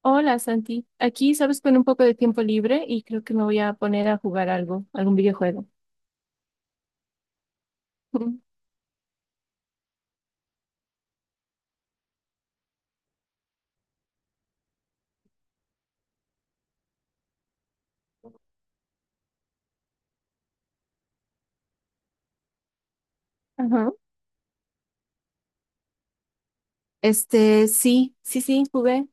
Hola Santi, aquí sabes con un poco de tiempo libre y creo que me voy a poner a jugar algo, algún videojuego. Ajá. Sí, sí, jugué.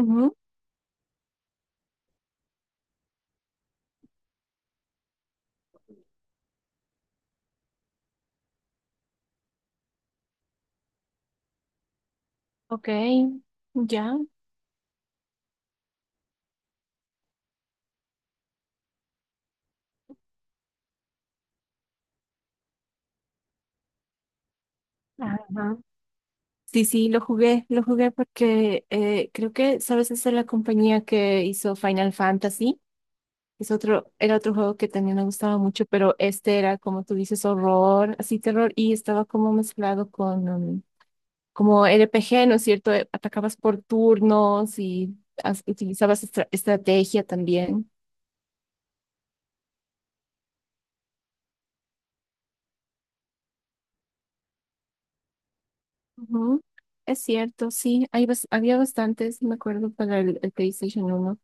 Ujú. Ok, ya. Ajá. Sí, sí, lo jugué porque creo que, sabes, esa es la compañía que hizo Final Fantasy. Es otro, era otro juego que también me gustaba mucho, pero este era, como tú dices, horror, así terror, y estaba como mezclado con, como RPG, ¿no es cierto? Atacabas por turnos y utilizabas estrategia también. Ujú. Es cierto, sí, hay había bastantes, me acuerdo, para el PlayStation uno.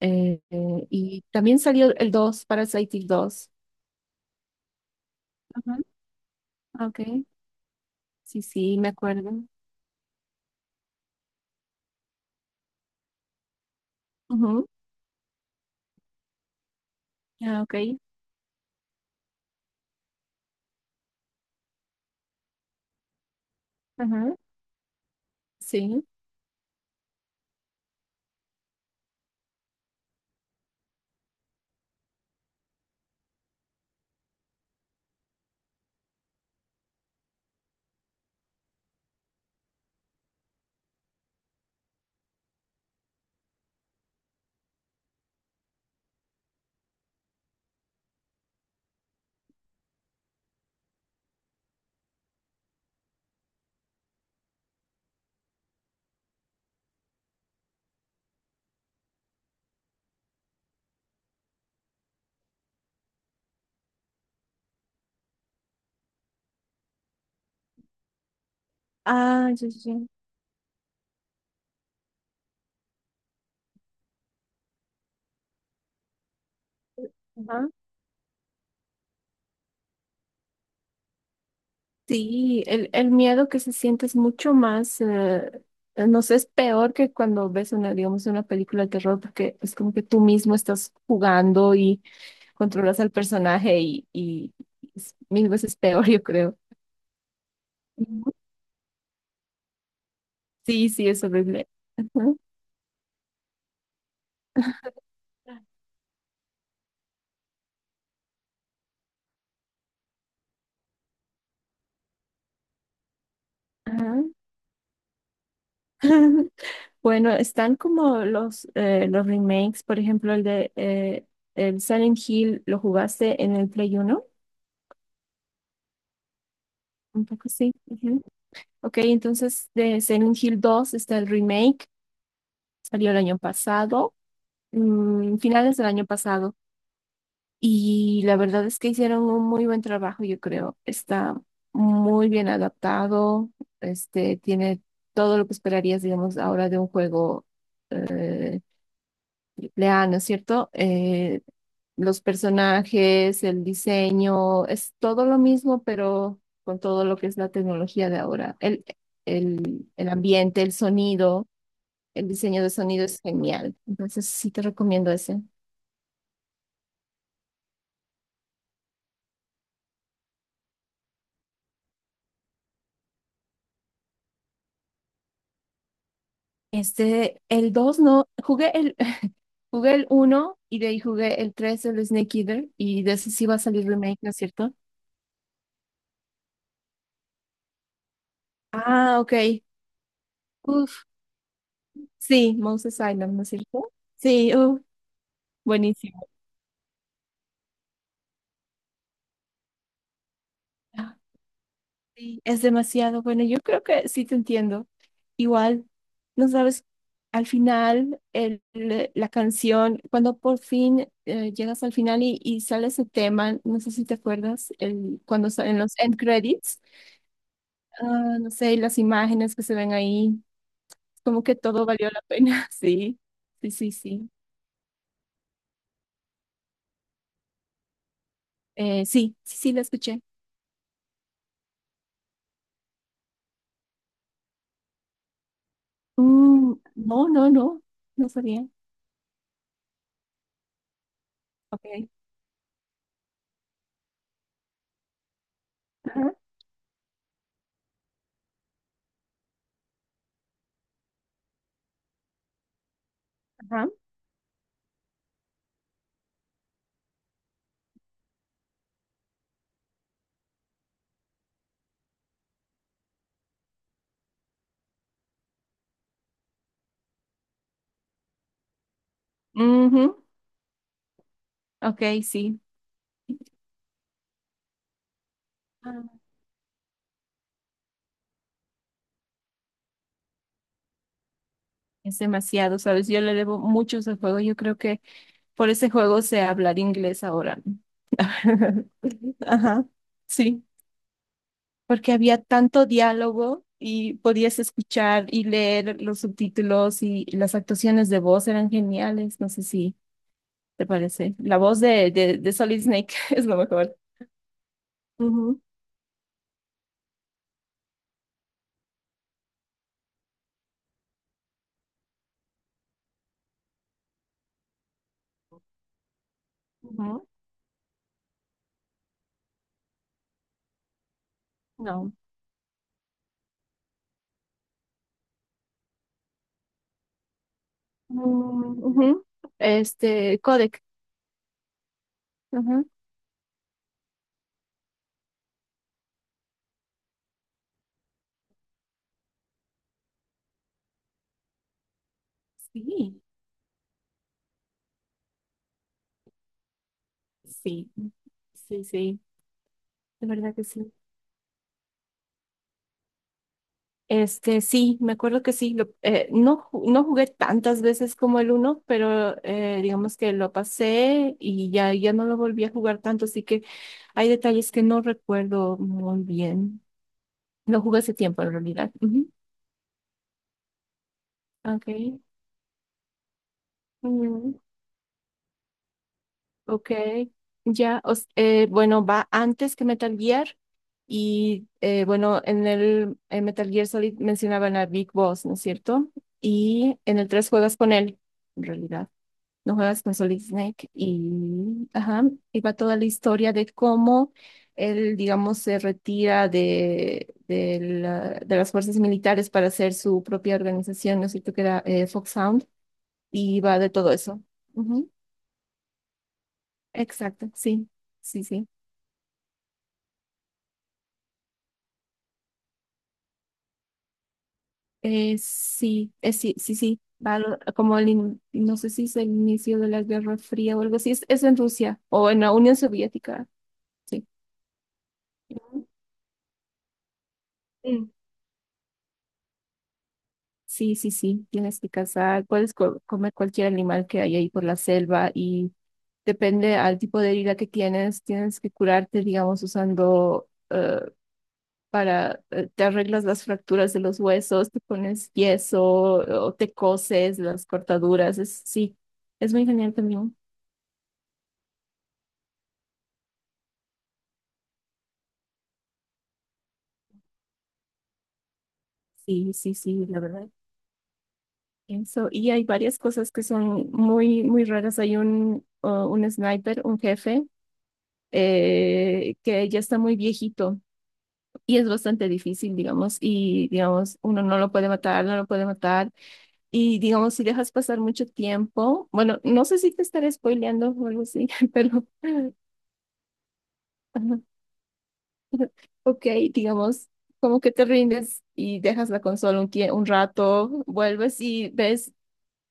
Y también salió el dos, Parasite Eve 2. Ujú. Ok, sí, sí, me acuerdo. Ujú. Ah, ok, ajá, sí. Ah, sí, sí. Sí, el miedo que se siente es mucho más, no sé, es peor que cuando ves una, digamos, una película de terror, porque es como que tú mismo estás jugando y controlas al personaje y es mil veces peor, yo creo. Ujú. Sí, sí, es horrible. Ajá. Ajá. Bueno, están como los remakes, por ejemplo, el de el Silent Hill, ¿lo jugaste en el Play uno? Un poco sí. Ok, entonces de Silent Hill 2 está el remake, salió el año pasado, mm, finales del año pasado, y la verdad es que hicieron un muy buen trabajo, yo creo. Está muy bien adaptado, este, tiene todo lo que esperarías, digamos, ahora de un juego. eh, Leal, ¿no es cierto? Los personajes, el diseño, es todo lo mismo, pero con todo lo que es la tecnología de ahora. El ambiente, el sonido, el diseño de sonido es genial. Entonces sí te recomiendo ese. Este, el dos no, jugué el uno y de ahí jugué el 3, el Snake Eater, y de ese sí va a salir remake, ¿no es cierto? Ah, ok. Uf, sí, Moses Island, ¿no es cierto? Sí, uf, buenísimo. Sí, es demasiado. Bueno, yo creo que sí te entiendo. Igual, no sabes, al final, la canción, cuando por fin llegas al final y sale ese tema, no sé si te acuerdas, el, cuando salen los end credits, ah, no sé, y las imágenes que se ven ahí, como que todo valió la pena. Sí, sí, sí, sí. Sí, sí, sí, la escuché. Mm, no, no, no, no sabía. Ok. Ajá, ajá. Ujú. Ok, sí. Ah, es demasiado, ¿sabes? Yo le debo mucho ese juego. Yo creo que por ese juego sé hablar inglés ahora. ¿No? Ajá, sí, porque había tanto diálogo y podías escuchar y leer los subtítulos y las actuaciones de voz eran geniales. No sé si te parece. La voz de Solid Snake es lo mejor. Ujú, ujú. No. Mm, ujú. Este, codec. Ajá. Sí, sí, sí, de verdad que sí. Este, sí, me acuerdo que sí. No jugué tantas veces como el uno, pero digamos que lo pasé y ya, ya no lo volví a jugar tanto, así que hay detalles que no recuerdo muy bien. Lo jugué hace tiempo en realidad. Ujú. Okay. Mm, ok. Ya, bueno, va antes que Metal Gear. Y bueno, en Metal Gear Solid mencionaban a Big Boss, ¿no es cierto? Y en el 3 juegas con él, en realidad. No juegas con Solid Snake y, ajá, y va toda la historia de cómo él, digamos, se retira de, de las fuerzas militares para hacer su propia organización, ¿no es cierto? Que era Foxhound, y va de todo eso. Ujú. Exacto, sí, sí, sí. Sí, sí, sí. Como no sé si es el inicio de la Guerra Fría o algo así, es en Rusia o en la Unión Soviética, sí. Ujú. Sí, sí, sí, tienes que cazar, puedes comer cualquier animal que hay ahí por la selva y depende al tipo de herida que tienes, tienes que curarte, digamos, usando te arreglas las fracturas de los huesos, te pones yeso o te coses las cortaduras, es, sí, es muy genial también. Sí, sí, sí, la verdad. Pienso, y hay varias cosas que son muy, muy raras. Hay un sniper, un jefe, que ya está muy viejito y es bastante difícil, digamos, y digamos, uno no lo puede matar, no lo puede matar, y digamos, si dejas pasar mucho tiempo, bueno, no sé si te estaré spoileando o algo así, pero, ajá, ok, digamos, como que te rindes y dejas la consola un rato, vuelves y ves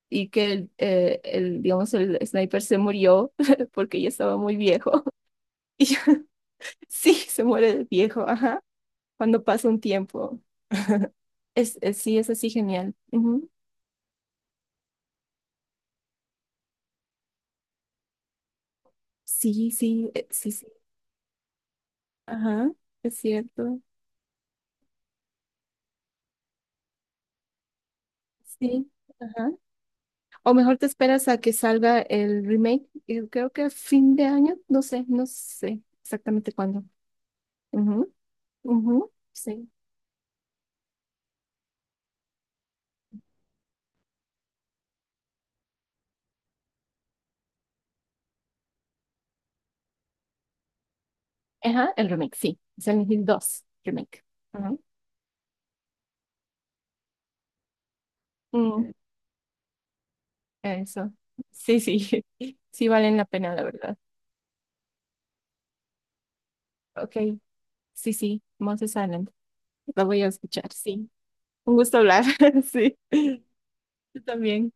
y que digamos, el sniper se murió porque ya estaba muy viejo, y ya, sí, se muere de viejo, ajá, cuando pasa un tiempo, sí, es así genial. Sí, sí, sí. Ajá, es cierto. Sí, ajá. O mejor te esperas a que salga el remake. Creo que a fin de año, no sé, no sé exactamente cuándo. Ujú, ujú, sí. Ajá, el remake, sí. Silent Hill 2 remake. Ajá. Mm, eso. Sí, sí. Sí valen la pena, la verdad. Ok, sí, sí. Monster Island. La voy a escuchar, sí. Un gusto hablar. Sí. Yo también.